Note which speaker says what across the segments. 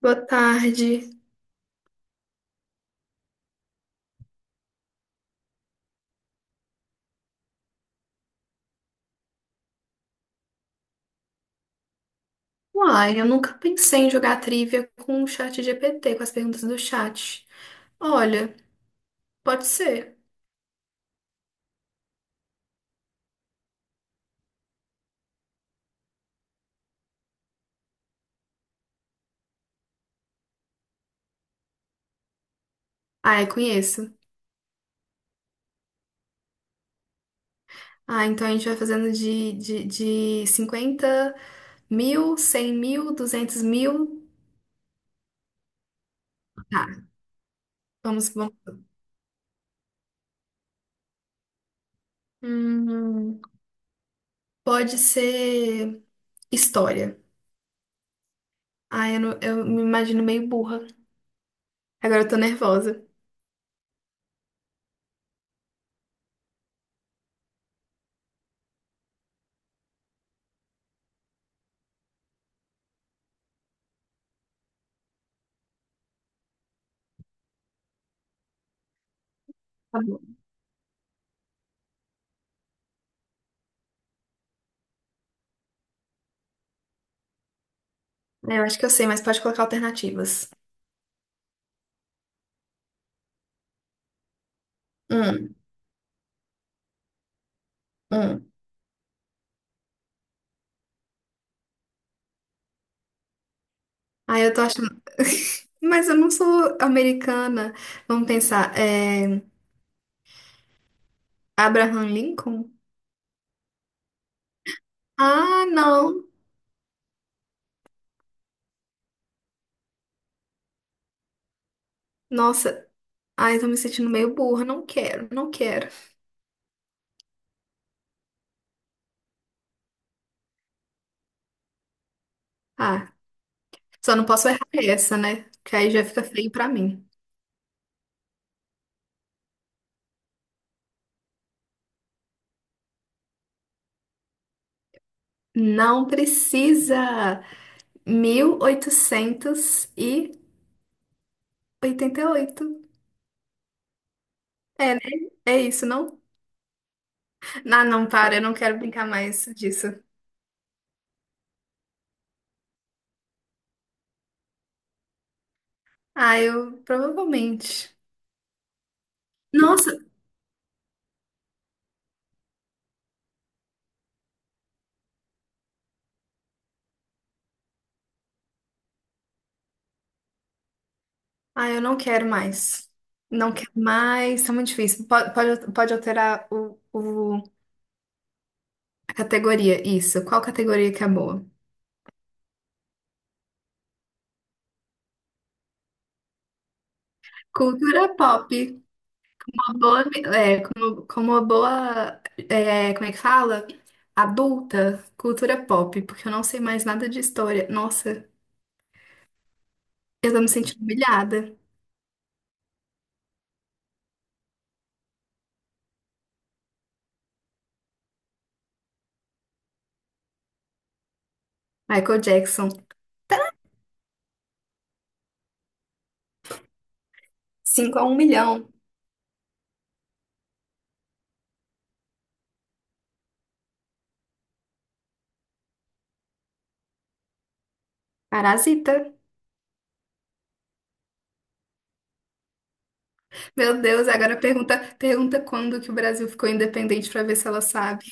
Speaker 1: Boa tarde. Uai, eu nunca pensei em jogar trivia com o chat GPT, com as perguntas do chat. Olha, pode ser. Ah, eu conheço. Ah, então a gente vai fazendo de 50 mil, 100 mil, 200 mil. Tá, vamos, vamos. Hum, Pode ser história. Ah, eu, não- eu me imagino meio burra. Agora eu tô nervosa. Tá bom. É, eu acho que eu sei, mas pode colocar alternativas. Hum, hum. Ah, eu tô achando. Mas eu não sou americana. Vamos pensar. Abraham Lincoln? Ah, não. Nossa. Ai, tô me sentindo meio burra. Não quero, não quero. Ah, só não posso errar essa, né? Que aí já fica feio pra mim. Não precisa. 1888. É, né? É isso, não? Ah, não, para. Eu não quero brincar mais disso. Ah, eu provavelmente. Nossa, ah, eu não quero mais. Não quero mais, tá muito difícil. Pode alterar a categoria, isso. Qual categoria que é boa? Cultura pop, uma boa, é, como uma boa, é, como é que fala? Adulta, cultura pop, porque eu não sei mais nada de história. Nossa, eu tô me sentindo humilhada. Michael Jackson. Cinco a um milhão. Parasita. Meu Deus, agora pergunta, pergunta quando que o Brasil ficou independente pra ver se ela sabe.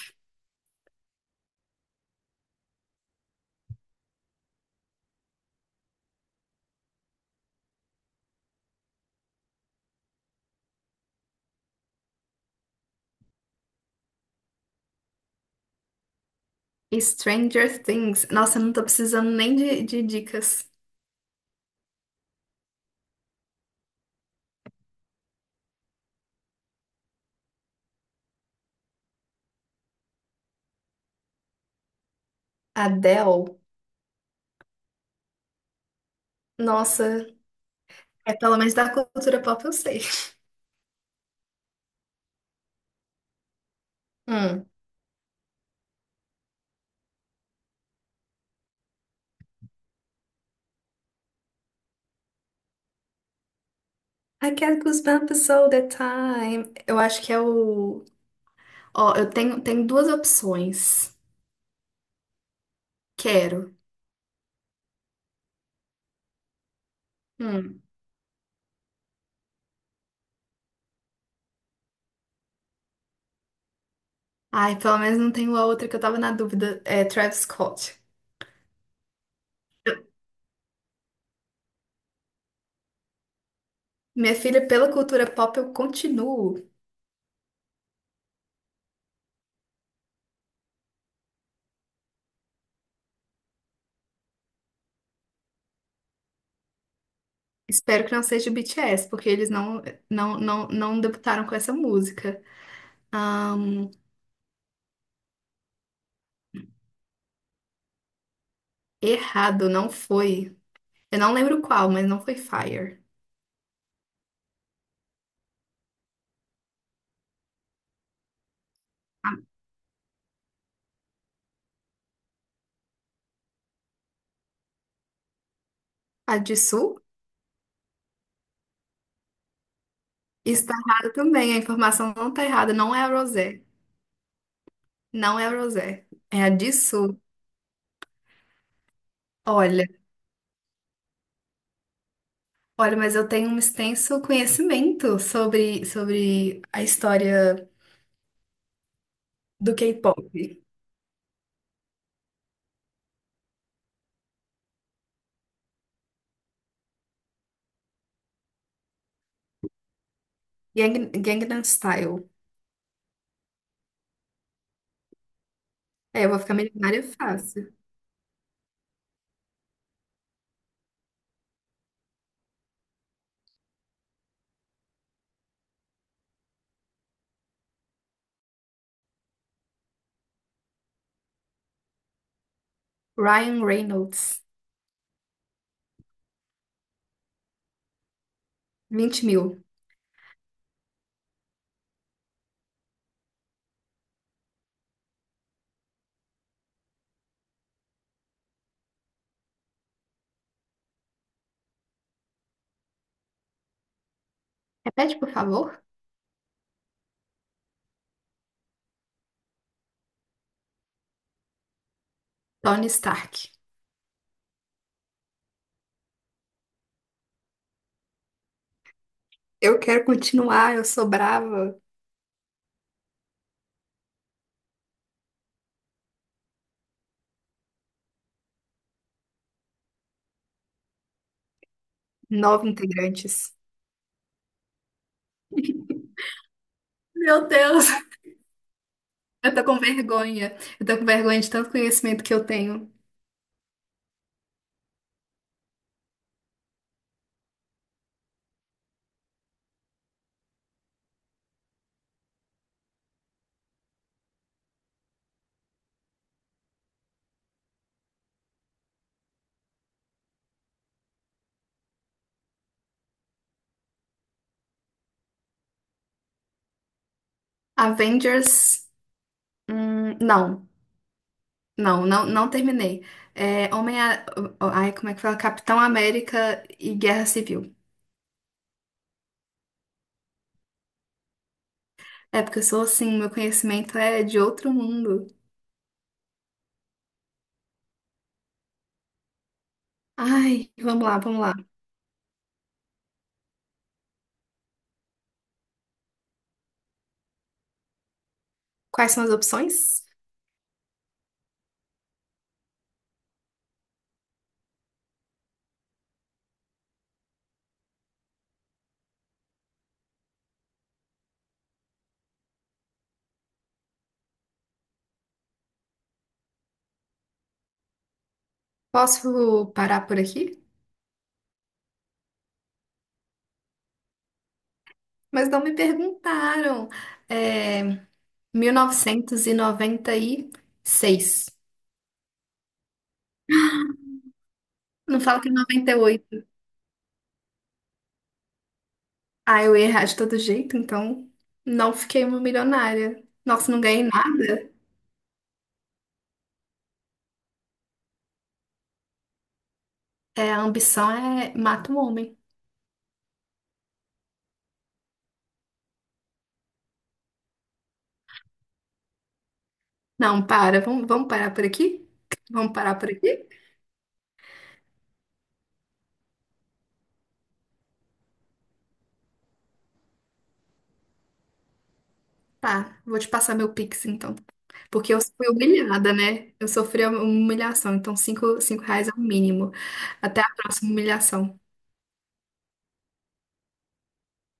Speaker 1: Stranger Things. Nossa, não tô precisando nem de dicas. Adele. Nossa, é pelo menos da cultura pop eu sei. Hum. I get goosebumps all the time. Eu acho que é o. Ó, eu tenho, tenho duas opções. Quero. Hum. Ai, pelo menos não tenho a outra que eu tava na dúvida. É Travis Scott. Minha filha, pela cultura pop eu continuo. Espero que não seja o BTS, porque eles não, não, não, não debutaram com essa música. Errado, não foi. Eu não lembro qual, mas não foi Fire. A de Sul está errada também. A informação não está errada. Não é a Rosé. Não é a Rosé. É a de Sul. Olha, olha, mas eu tenho um extenso conhecimento sobre a história do K-pop. Gangnam Style. É, eu vou ficar milionária fácil. Ryan Reynolds. 20 mil. Repete, por favor. Tony Stark. Eu quero continuar, eu sou brava. Nove integrantes. Meu Deus, eu tô com vergonha. Eu tô com vergonha de tanto conhecimento que eu tenho. Avengers. Hum, não, não, não, não terminei. É, Homem. Ai, como é que fala? Capitão América e Guerra Civil. É porque eu sou assim, meu conhecimento é de outro mundo. Ai, vamos lá, vamos lá. Quais são as opções? Posso parar por aqui? Mas não me perguntaram. É, 1996. Não fala que é 98. Ah, eu ia errar de todo jeito, então não fiquei uma milionária. Nossa, não ganhei nada. É, a ambição é mata um homem. Não, para. Vamos, vamos parar por aqui? Vamos parar por aqui? Tá, vou te passar meu Pix, então. Porque eu fui humilhada, né? Eu sofri uma humilhação, então cinco, R$ 5 é o mínimo. Até a próxima humilhação.